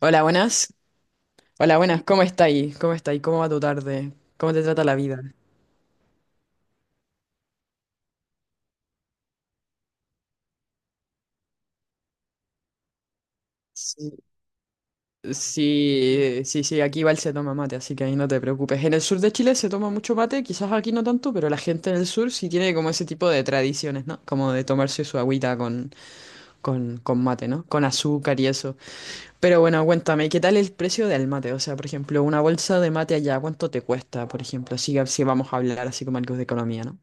Hola, buenas. Hola, buenas. ¿Cómo estáis? ¿Cómo estáis? ¿Cómo va tu tarde? ¿Cómo te trata la vida? Sí, sí, sí, sí, aquí igual se toma mate, así que ahí no te preocupes. En el sur de Chile se toma mucho mate, quizás aquí no tanto, pero la gente en el sur sí tiene como ese tipo de tradiciones, ¿no? Como de tomarse su agüita con, con mate, ¿no? Con azúcar y eso. Pero bueno, cuéntame, ¿qué tal el precio del mate? O sea, por ejemplo, una bolsa de mate allá, ¿cuánto te cuesta, por ejemplo? Si vamos a hablar así como algo de economía, ¿no?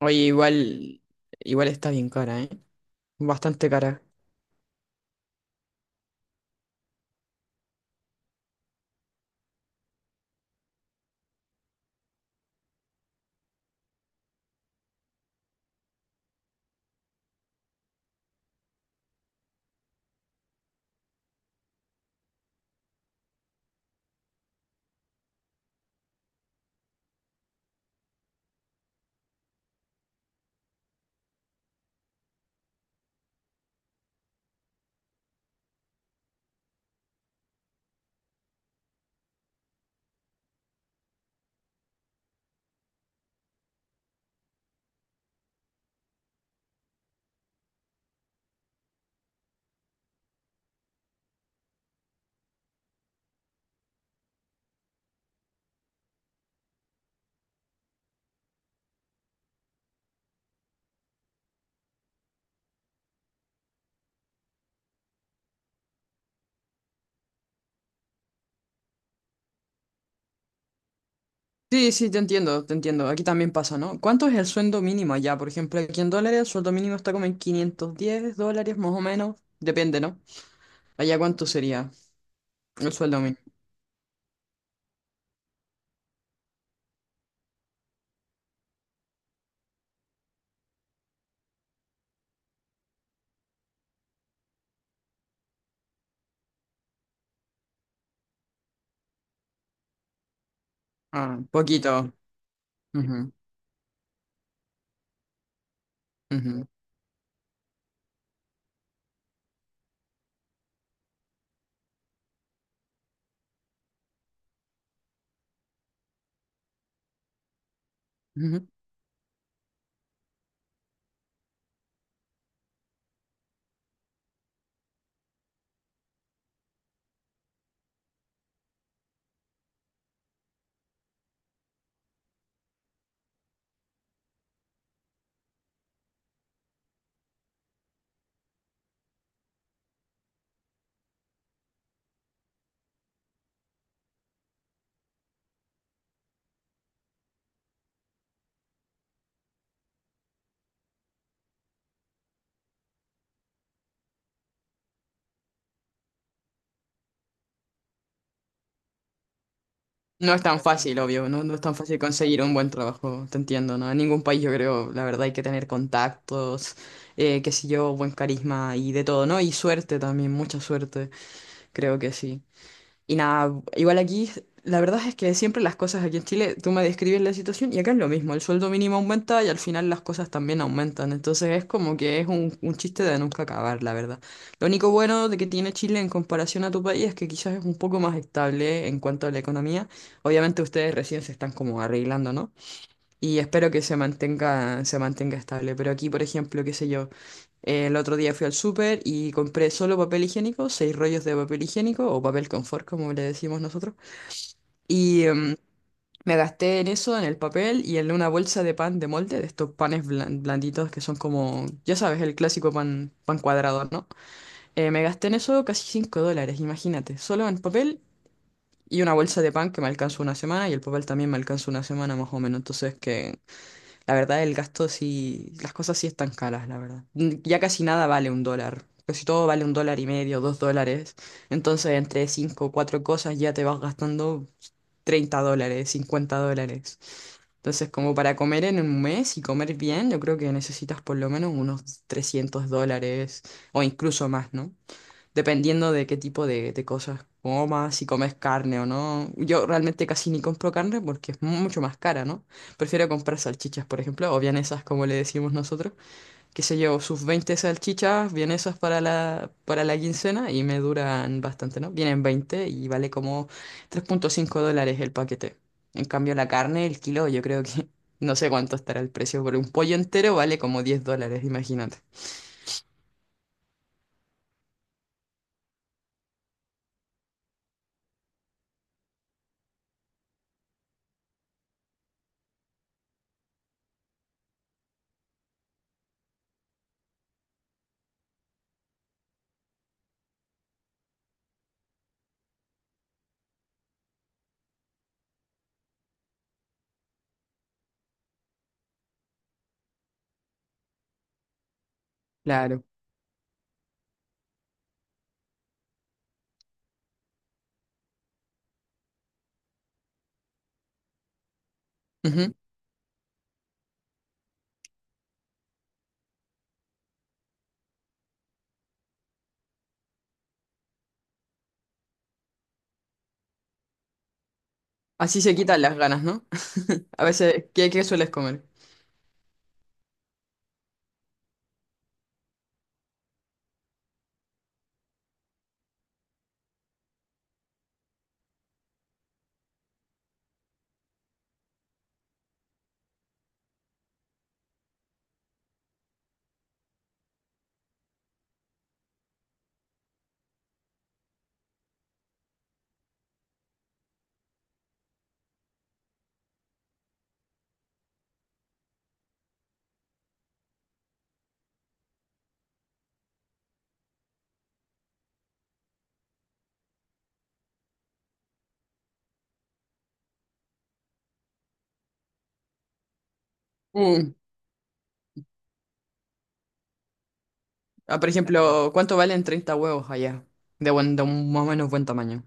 Oye, igual, igual está bien cara, ¿eh? Bastante cara. Sí, sí, te entiendo, te entiendo. Aquí también pasa, ¿no? ¿Cuánto es el sueldo mínimo allá? Por ejemplo, aquí en dólares, el sueldo mínimo está como en $510 más o menos. Depende, ¿no? Allá, ¿cuánto sería el sueldo mínimo? Ah, poquito. Ujú, ujú, ujú. No es tan fácil, obvio. No, no es tan fácil conseguir un buen trabajo. Te entiendo, ¿no? En ningún país, yo creo, la verdad, hay que tener contactos, qué sé yo, buen carisma y de todo, ¿no? Y suerte también, mucha suerte. Creo que sí. Y nada, igual aquí, la verdad es que siempre las cosas aquí en Chile, tú me describes la situación y acá es lo mismo, el sueldo mínimo aumenta y al final las cosas también aumentan, entonces es como que es un chiste de nunca acabar, la verdad. Lo único bueno de que tiene Chile en comparación a tu país es que quizás es un poco más estable en cuanto a la economía, obviamente ustedes recién se están como arreglando, ¿no? Y espero que se mantenga estable. Pero aquí, por ejemplo, qué sé yo, el otro día fui al súper y compré solo papel higiénico, seis rollos de papel higiénico o papel confort, como le decimos nosotros. Y me gasté en eso, en el papel y en una bolsa de pan de molde, de estos panes blanditos que son como, ya sabes, el clásico pan, pan cuadrado, ¿no? Me gasté en eso casi $5, imagínate, solo en papel. Y una bolsa de pan que me alcanzó una semana y el papel también me alcanzó una semana más o menos. Entonces que la verdad, el gasto sí, las cosas sí están caras, la verdad. Ya casi nada vale un dólar. Casi todo vale un dólar y medio, dos dólares. Entonces, entre cinco o cuatro cosas ya te vas gastando $30, $50. Entonces, como para comer en un mes y comer bien, yo creo que necesitas por lo menos unos $300 o incluso más, ¿no? Dependiendo de qué tipo de cosas comas, si comes carne o no. Yo realmente casi ni compro carne porque es mucho más cara, ¿no? Prefiero comprar salchichas, por ejemplo, o vienesas, como le decimos nosotros. Que se llevo sus 20 salchichas, vienesas para para la quincena y me duran bastante, ¿no? Vienen 20 y vale como $3.5 el paquete. En cambio, la carne, el kilo, yo creo que no sé cuánto estará el precio, pero un pollo entero vale como $10, imagínate. Claro. Ujú. Así se quitan las ganas, ¿no? A veces, ¿qué, qué sueles comer? Mm, ah, por ejemplo, ¿cuánto valen 30 huevos allá? De buen, de un más o menos buen tamaño.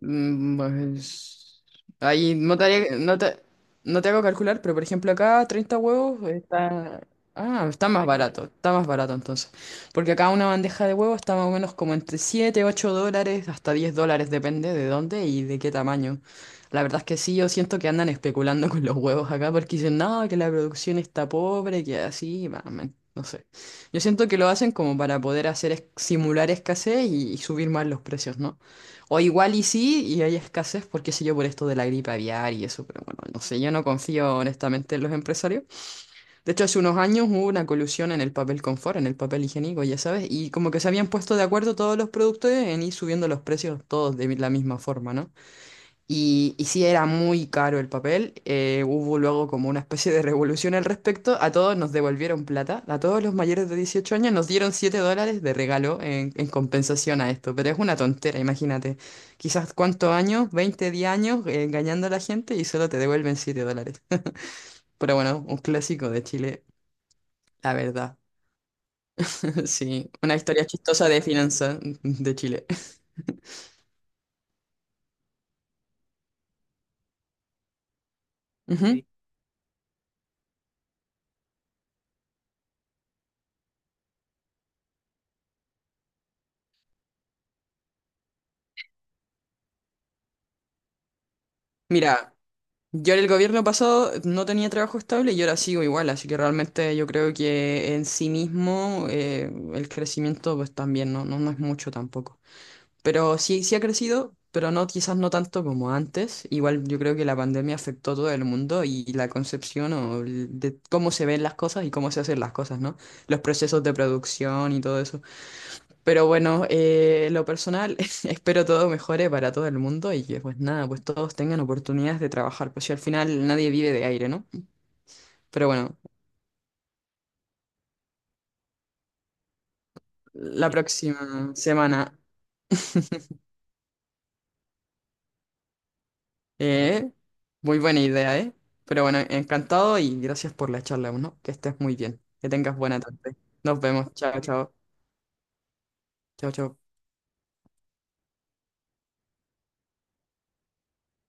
Mm, pues, ahí no te, haría- no te, no te hago calcular, pero por ejemplo acá 30 huevos está... Ah, está más barato entonces. Porque acá una bandeja de huevos está más o menos como entre $7 $8, hasta $10, depende de dónde y de qué tamaño. La verdad es que sí, yo siento que andan especulando con los huevos acá porque dicen, no, que la producción está pobre, que así, bah, man, no sé. Yo siento que lo hacen como para poder hacer simular escasez y subir más los precios, ¿no? O igual y sí, y hay escasez, porque sé yo, por esto de la gripe aviar y eso, pero bueno, no sé, yo no confío honestamente en los empresarios. De hecho, hace unos años hubo una colusión en el papel confort, en el papel higiénico, ya sabes, y como que se habían puesto de acuerdo todos los productores en ir subiendo los precios todos de la misma forma, ¿no? Y sí, era muy caro el papel. Hubo luego como una especie de revolución al respecto. A todos nos devolvieron plata. A todos los mayores de 18 años nos dieron $7 de regalo en compensación a esto. Pero es una tontera, imagínate. Quizás cuántos años, 20 10 años engañando a la gente y solo te devuelven $7. Pero bueno, un clásico de Chile, la verdad. Sí, una historia chistosa de finanzas de Chile. Ujú. Sí. Mira. Yo en el gobierno pasado no tenía trabajo estable y ahora sigo igual, así que realmente yo creo que en sí mismo el crecimiento pues también no, no, no es mucho tampoco. Pero sí, sí ha crecido, pero no quizás no tanto como antes. Igual yo creo que la pandemia afectó a todo el mundo y la concepción o de cómo se ven las cosas y cómo se hacen las cosas, ¿no? Los procesos de producción y todo eso. Pero bueno, lo personal, espero todo mejore para todo el mundo y que pues nada, pues todos tengan oportunidades de trabajar, pues si al final nadie vive de aire, ¿no? Pero bueno, la próxima semana, eh, muy buena idea, ¿eh? Pero bueno, encantado y gracias por la charla, ¿no? Que estés muy bien, que tengas buena tarde. Nos vemos, chao, chao, chao, chao.